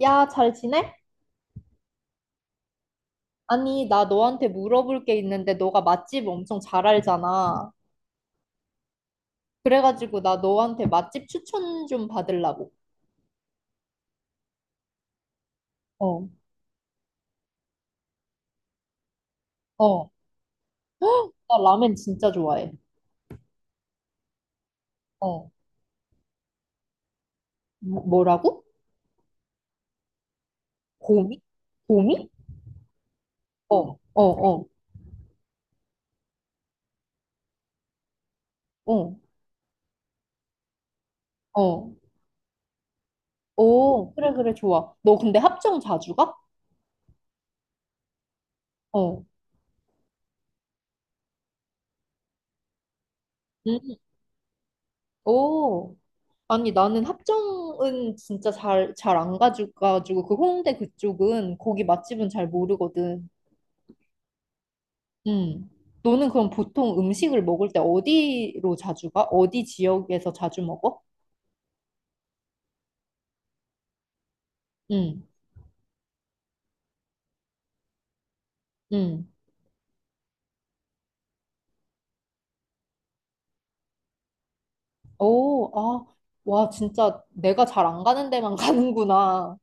야, 잘 지내? 아니, 나 너한테 물어볼 게 있는데 너가 맛집 엄청 잘 알잖아. 그래가지고 나 너한테 맛집 추천 좀 받으려고. 어, 어. 나 라멘 진짜 좋아해. 어. 뭐라고? 고미? 고미? 어, 어, 어, 어, 어. 오, 그래, 그래, 좋아. 너 근데 합정 자주 가? 어. 음, 오. 아니, 나는 합정은 진짜 잘 안 가져가지고, 그 홍대 그쪽은, 거기 맛집은 잘 모르거든. 음. 너는 그럼 보통 음식을 먹을 때 어디로 자주 가? 어디 지역에서 자주 먹어? 응, 응. 오, 아, 와, 진짜 내가 잘 안 가는 데만 가는구나.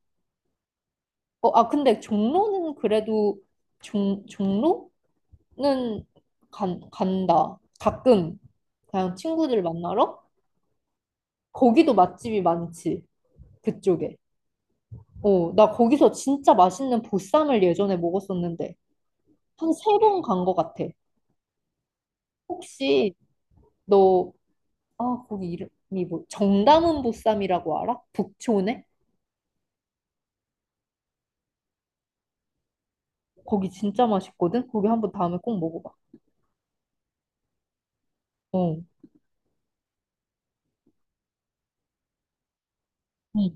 어, 아, 근데 종로는 그래도 종로는 간다. 가끔 그냥 친구들 만나러? 거기도 맛집이 많지. 그쪽에. 어, 나 거기서 진짜 맛있는 보쌈을 예전에 먹었었는데 한 세 번 간 것 같아. 혹시 너 아, 거기 이름이 뭐, 정다문 보쌈이라고 알아? 북촌에? 거기 진짜 맛있거든? 거기 한번 다음에 꼭 먹어봐. 어. 응.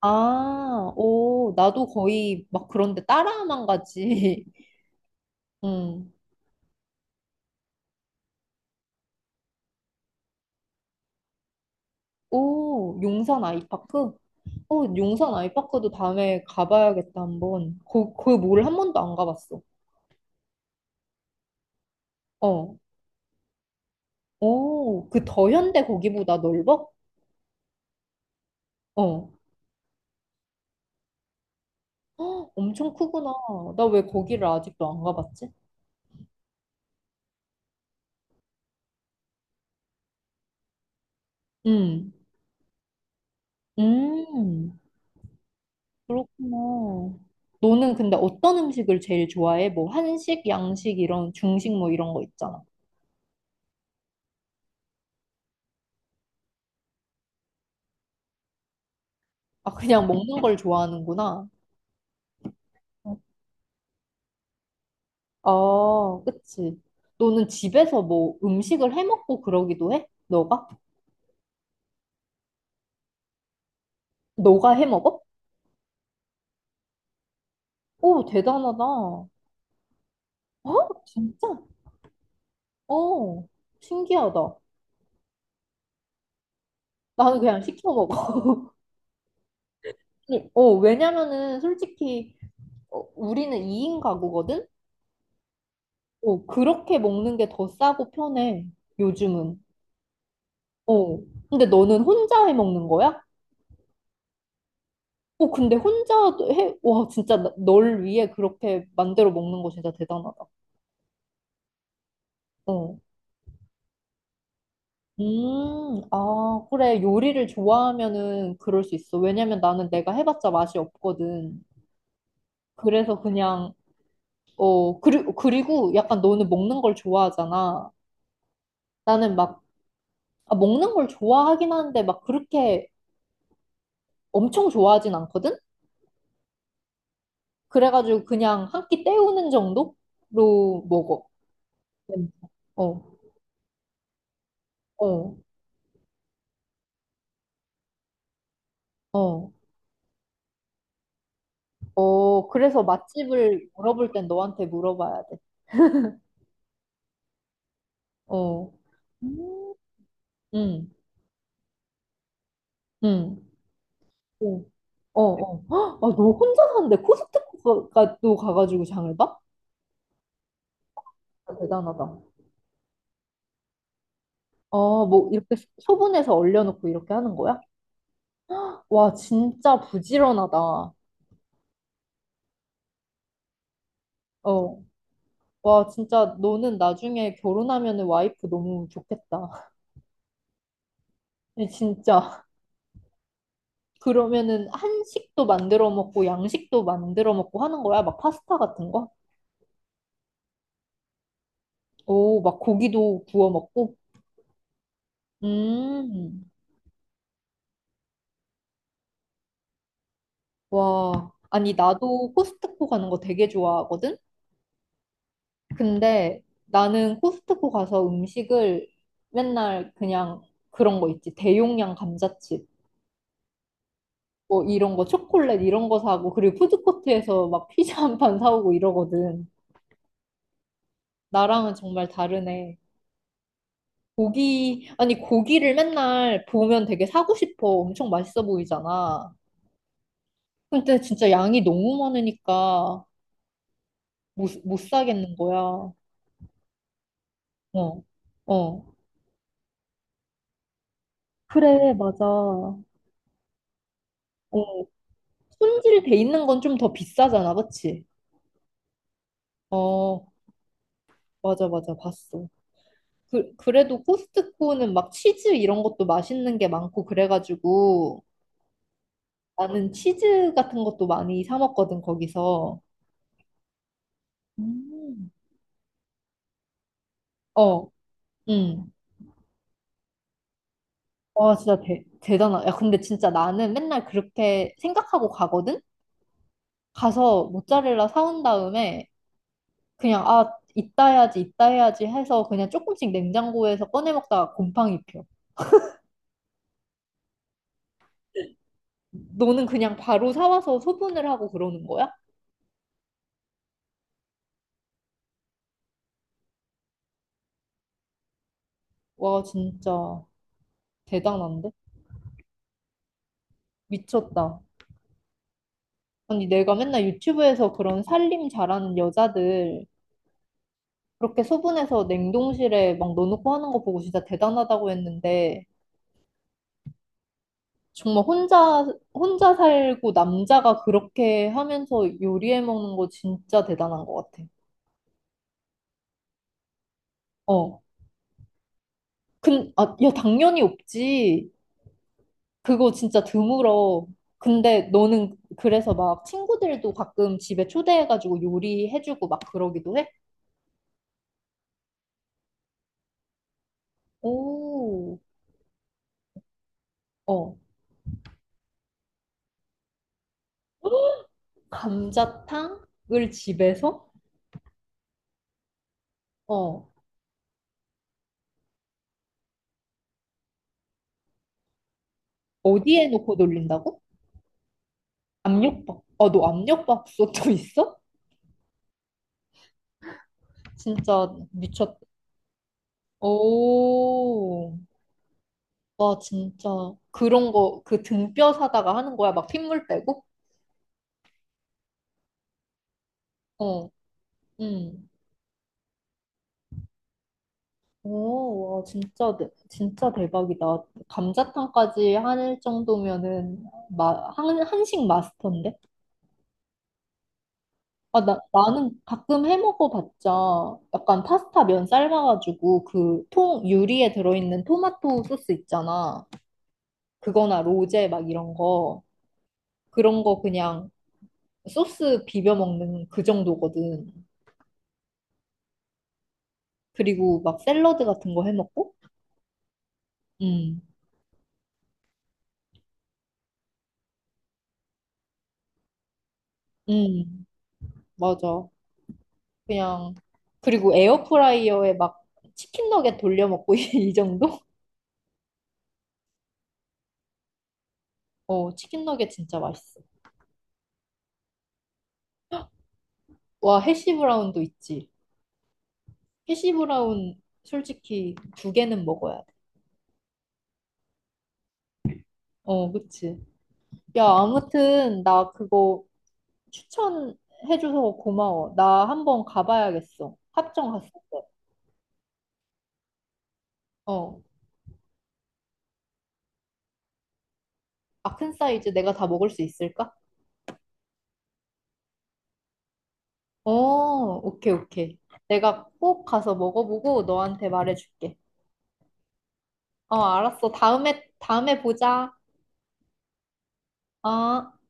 아, 오, 나도 거의 막 그런데 따라만 가지. 응. 오, 용산 아이파크? 어, 용산 아이파크도 다음에 가봐야겠다, 한번. 거, 거기 뭘 한 번도 안 가봤어. 어. 오, 그 더현대 거기보다 넓어? 어. 헉, 엄청 크구나. 나 왜 거기를 아직도 안 가봤지? 응. 음, 그렇구나. 너는 근데 어떤 음식을 제일 좋아해? 뭐 한식, 양식 이런 중식 뭐 이런 거 있잖아. 아, 그냥 먹는 걸 좋아하는구나. 아, 그치. 너는 집에서 뭐 음식을 해 먹고 그러기도 해? 너가? 너가 해 먹어? 오, 대단하다. 어? 진짜? 어, 신기하다. 나는 그냥 시켜 먹어. 아니, 어, 왜냐면은 솔직히 어, 우리는 2인 가구거든? 어, 그렇게 먹는 게 더 싸고 편해, 요즘은. 어. 근데 너는 혼자 해 먹는 거야? 어, 근데 혼자 해, 와, 진짜 널 위해 그렇게 만들어 먹는 거 진짜 대단하다. 어. 아, 그래. 요리를 좋아하면은 그럴 수 있어. 왜냐면 나는 내가 해봤자 맛이 없거든. 그래서 그냥, 어, 그리고 약간 너는 먹는 걸 좋아하잖아. 나는 막, 아, 먹는 걸 좋아하긴 하는데 막 그렇게 엄청 좋아하진 않거든? 그래가지고 그냥 한 끼 때우는 정도로 먹어. 어, 어, 어, 어. 그래서 맛집을 물어볼 땐 너한테 물어봐야 돼. 어, 응, 응, 어, 어. 어. 헉, 아, 너 혼자 사는데 코스트코도 가가지고 장을 봐? 아, 대단하다. 아, 뭐 이렇게 소분해서 얼려놓고 이렇게 하는 거야? 와, 진짜 부지런하다. 어, 와, 진짜 너는 나중에 결혼하면 와이프 너무 좋겠다. 진짜. 그러면은 한식도 만들어 먹고 양식도 만들어 먹고 하는 거야? 막 파스타 같은 거? 오, 막 고기도 구워 먹고? 음, 와. 아니, 나도 코스트코 가는 거 되게 좋아하거든? 근데 나는 코스트코 가서 음식을 맨날 그냥 그런 거 있지. 대용량 감자칩. 뭐 이런 거, 초콜릿 이런 거 사고, 그리고 푸드코트에서 막 피자 한 판 사오고 이러거든. 나랑은 정말 다르네. 고기, 아니, 고기를 맨날 보면 되게 사고 싶어. 엄청 맛있어 보이잖아. 근데 진짜 양이 너무 많으니까 못 사겠는 거야. 어, 어. 그래, 맞아. 어, 손질돼 있는 건 좀 더 비싸잖아, 그치? 어, 맞아, 맞아. 봤어. 그, 그래도 코스트코는 막 치즈 이런 것도 맛있는 게 많고 그래가지고 나는 치즈 같은 것도 많이 사 먹거든, 거기서. 음. 어, 응. 와, 진짜 대단하다. 야, 근데 진짜 나는 맨날 그렇게 생각하고 가거든? 가서 모짜렐라 사온 다음에 그냥, 아, 이따 해야지, 이따 해야지 해서 그냥 조금씩 냉장고에서 꺼내 먹다가 곰팡이 펴. 너는 그냥 바로 사와서 소분을 하고 그러는 거야? 와, 진짜 대단한데? 미쳤다. 아니, 내가 맨날 유튜브에서 그런 살림 잘하는 여자들 그렇게 소분해서 냉동실에 막 넣어놓고 하는 거 보고 진짜 대단하다고 했는데, 정말 혼자, 혼자 살고 남자가 그렇게 하면서 요리해 먹는 거 진짜 대단한 것 같아. 어. 근, 아, 야, 당연히 없지. 그거 진짜 드물어. 근데 너는 그래서 막 친구들도 가끔 집에 초대해가지고 요리해주고 막 그러기도 해? 오, 어. 감자탕을 집에서? 어. 어디에 놓고 돌린다고? 압력밥. 아, 너 압력밥솥도 있어? 진짜 미쳤다. 오. 와, 진짜. 그런 거, 그 등뼈 사다가 하는 거야? 막 핏물 빼고? 어, 응. 오, 와, 진짜, 진짜 대박이다. 감자탕까지 할 정도면은, 마, 한식 마스터인데? 아, 나는 가끔 해 먹어봤자, 약간 파스타 면 삶아가지고, 그 통, 유리에 들어있는 토마토 소스 있잖아. 그거나 로제 막 이런 거. 그런 거 그냥 소스 비벼 먹는 그 정도거든. 그리고 막 샐러드 같은 거 해 먹고. 음. 음. 맞아. 그냥 그리고 에어프라이어에 막 치킨 너겟 돌려 먹고 이 정도? 어, 치킨 너겟 진짜 맛있어. 와, 해시 브라운도 있지. 해시 브라운 솔직히 두 개는 먹어야 돼. 어, 그치. 야, 아무튼 나 그거 추천해줘서 고마워. 나 한번 가봐야겠어. 합정 갔을 때. 어. 아 큰 사이즈 내가 다 먹을 수 있을까? 어, 오케이, 오케이. 내가 꼭 가서 먹어보고 너한테 말해줄게. 어, 알았어. 다음에, 다음에 보자. 어.